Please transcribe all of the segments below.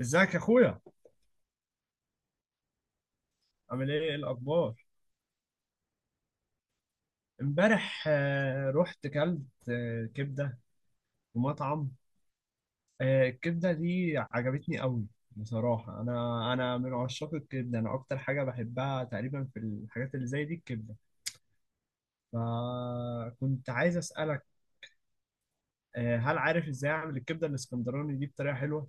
ازيك يا اخويا. عامل ايه؟ ايه الاخبار؟ امبارح رحت كلت كبده في مطعم. الكبده دي عجبتني قوي بصراحه. انا من عشاق الكبده، انا اكتر حاجه بحبها تقريبا في الحاجات اللي زي دي الكبده. فكنت عايز اسالك، هل عارف ازاي اعمل الكبده الاسكندراني دي بطريقه حلوه؟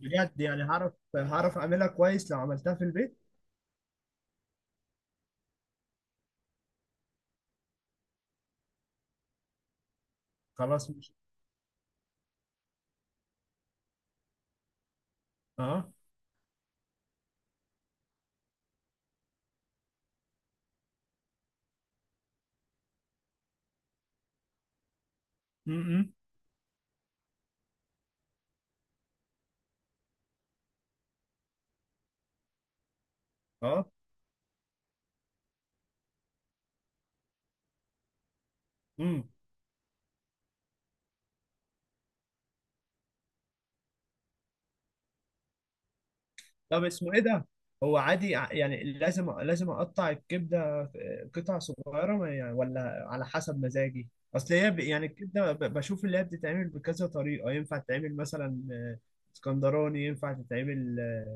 بجد يعني هعرف اعملها كويس لو عملتها في البيت؟ خلاص. مش اه. م- م. اه. م. طب اسمه ايه ده؟ هو عادي يعني لازم اقطع الكبده قطع صغيره يعني، ولا على حسب مزاجي؟ اصل هي يعني الكبده بشوف اللي هي بتتعمل بكذا طريقه، ينفع تتعمل مثلا اسكندراني، ينفع تتعمل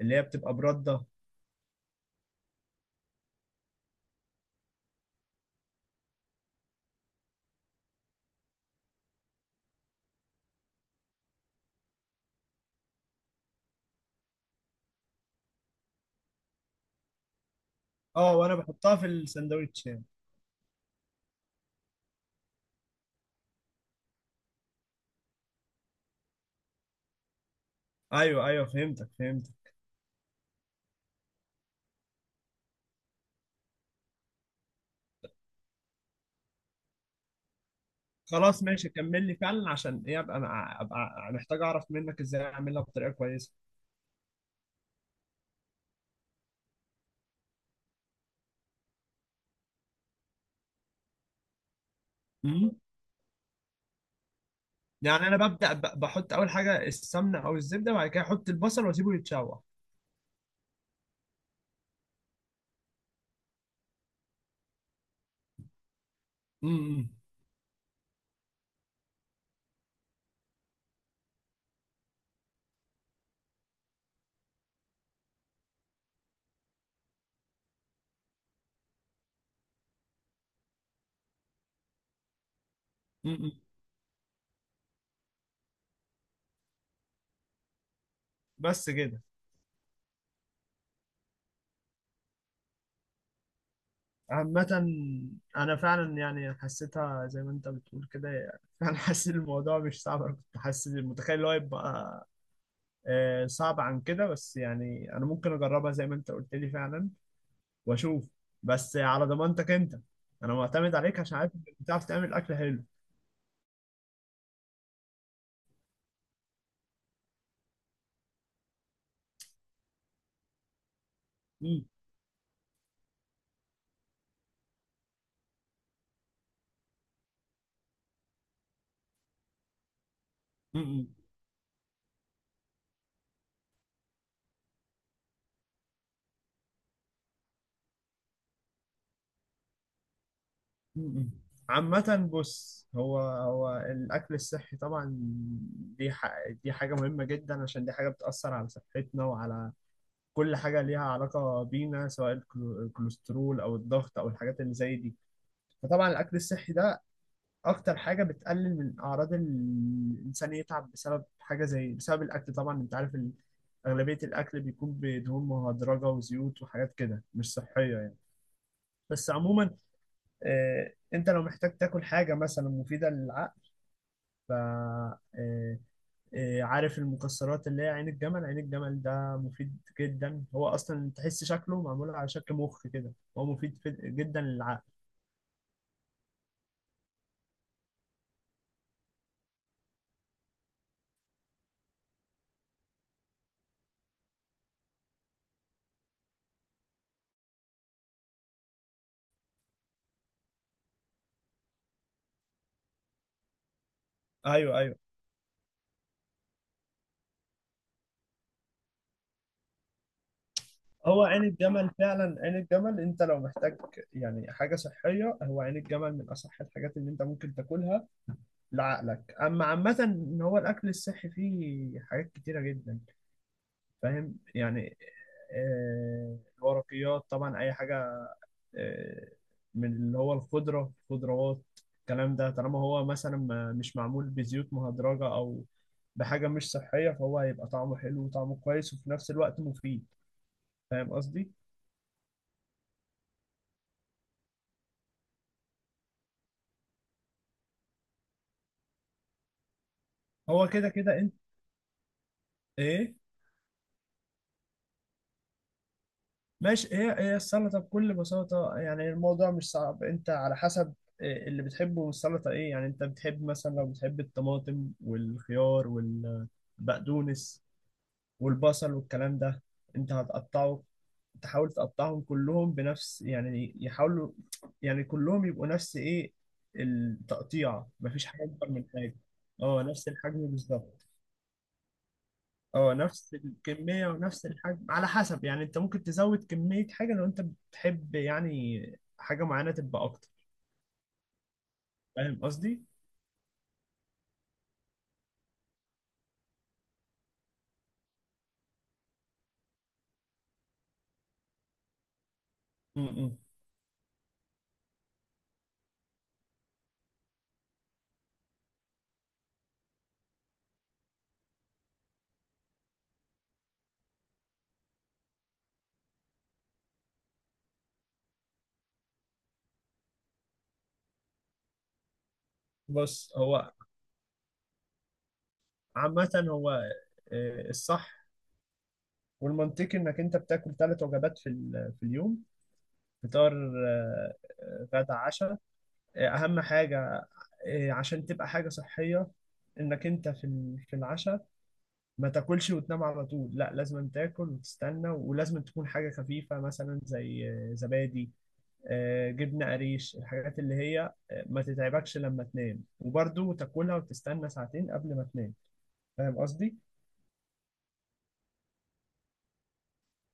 اللي هي بتبقى برده. اه، وانا بحطها في الساندوتش يعني. ايوه ايوه، فهمتك. خلاص ماشي، كمل لي فعلا عشان ايه ابقى، ابقى محتاج اعرف منك ازاي اعملها بطريقه كويسه. يعني انا ببدا بحط اول حاجه السمنه او الزبده، بعد كده احط البصل واسيبه يتشوح. امم. امم. بس كده؟ عامة أنا فعلا يعني حسيتها زي ما أنت بتقول كده، يعني فعلا حسيت الموضوع مش صعب. أنا كنت حاسس متخيل اللي هو يبقى صعب عن كده، بس يعني أنا ممكن أجربها زي ما أنت قلت لي فعلا وأشوف. بس على ضمانتك أنت، أنا معتمد عليك عشان عارف إنك بتعرف تعمل أكل حلو. امم. م-م. عامة بص، هو الأكل الصحي طبعا دي ح... دي حاجة مهمة جدا، عشان دي حاجة بتأثر على صحتنا وعلى كل حاجة ليها علاقة بينا، سواء الكوليسترول أو الضغط أو الحاجات اللي زي دي. فطبعا الأكل الصحي ده أكتر حاجة بتقلل من أعراض الإنسان يتعب بسبب حاجة، زي بسبب الأكل. طبعا أنت عارف أغلبية الأكل بيكون بدهون مهدرجة وزيوت وحاجات كده مش صحية يعني. بس عموما انت لو محتاج تاكل حاجة مثلا مفيدة للعقل، ف آه، آه، عارف المكسرات اللي هي عين الجمل؟ عين الجمل ده مفيد جدا، هو اصلا تحس شكله معمول على شكل مخ كده. هو مفيد جدا للعقل. ايوه ايوه. هو عين الجمل فعلا، عين الجمل انت لو محتاج يعني حاجة صحية، هو عين الجمل من اصح الحاجات اللي انت ممكن تاكلها لعقلك. اما عامة ان هو الاكل الصحي فيه حاجات كتيرة جدا، فاهم يعني؟ الورقيات طبعا، اي حاجه آه، من اللي هو الخضره، الخضروات، الكلام ده طالما هو مثلا مش معمول بزيوت مهدرجه او بحاجه مش صحيه، فهو هيبقى طعمه حلو وطعمه كويس وفي نفس الوقت مفيد. فاهم قصدي؟ هو كده كده انت. ايه، ماشي. هي السلطه بكل بساطه، يعني الموضوع مش صعب. انت على حسب إيه اللي بتحبه من السلطه، ايه يعني، انت بتحب مثلا، لو بتحب الطماطم والخيار والبقدونس والبصل والكلام ده، انت هتقطعه، تحاول تقطعهم كلهم بنفس يعني، يحاولوا يعني كلهم يبقوا نفس ايه، التقطيع، مفيش حاجة اكبر من حاجة. اه نفس الحجم بالظبط. اه نفس الكمية ونفس الحجم، على حسب يعني انت ممكن تزود كمية حاجة لو انت بتحب يعني حاجة معينة تبقى اكتر. فاهم قصدي؟ م-م. بص هو، عامة هو الصح والمنطقي انك انت بتاكل ثلاث وجبات في اليوم. فطار، آه، غدا، عشاء. اهم حاجه عشان تبقى حاجه صحيه، انك انت في العشاء ما تاكلش وتنام على طول. لا، لازم تاكل وتستنى، ولازم تكون حاجه خفيفه مثلا زي زبادي، جبنه قريش، الحاجات اللي هي ما تتعبكش لما تنام، وبرضه تاكلها وتستنى ساعتين قبل ما تنام. فاهم قصدي؟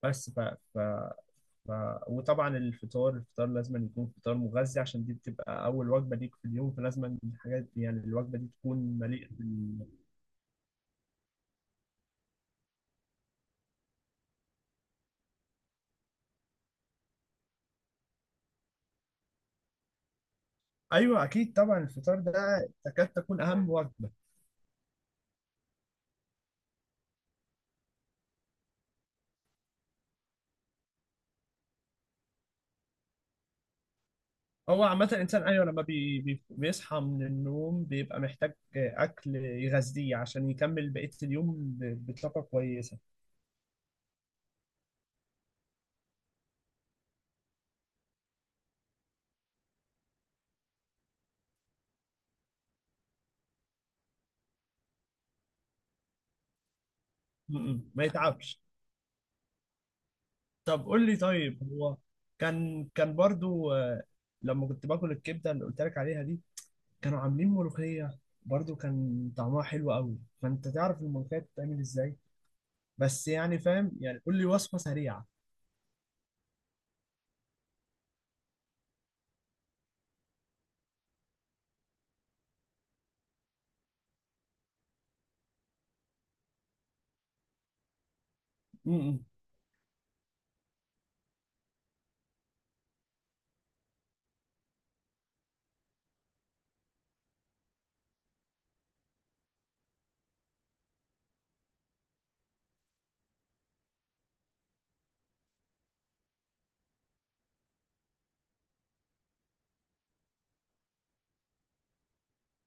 بس ف... ف... وطبعا الفطار لازم يكون فطار مغذي، عشان دي بتبقى اول وجبه ليك في اليوم، فلازم الحاجات دي يعني الوجبه دي تكون مليئه ايوه اكيد، طبعا الفطار ده تكاد تكون اهم وجبه. هو عامه الانسان، ايوه، لما بيصحى من النوم بيبقى محتاج اكل يغذيه عشان يكمل بقيه اليوم بطاقه كويسه. م- م. ما يتعبش. طب قول لي، طيب هو كان برضو لما كنت باكل الكبده اللي قلت لك عليها دي، كانوا عاملين ملوخية، برضو كان طعمها حلو قوي. فانت تعرف الملوخية بتتعمل ازاي؟ بس يعني فاهم يعني، قول لي وصفة سريعة. امم.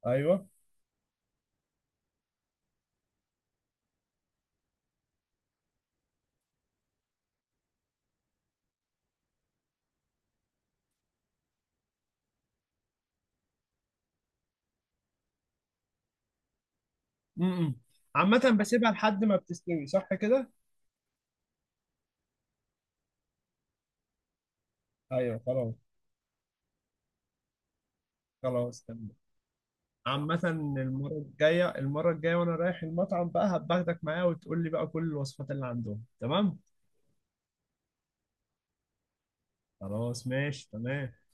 ايوه. امم. عامة بسيبها لحد ما بتستوي، صح كده؟ ايوه خلاص. خلاص تمام. عامة المرة الجاية، وانا رايح المطعم بقى هباخدك معايا، وتقول لي بقى كل الوصفات اللي عندهم. تمام، خلاص ماشي تمام.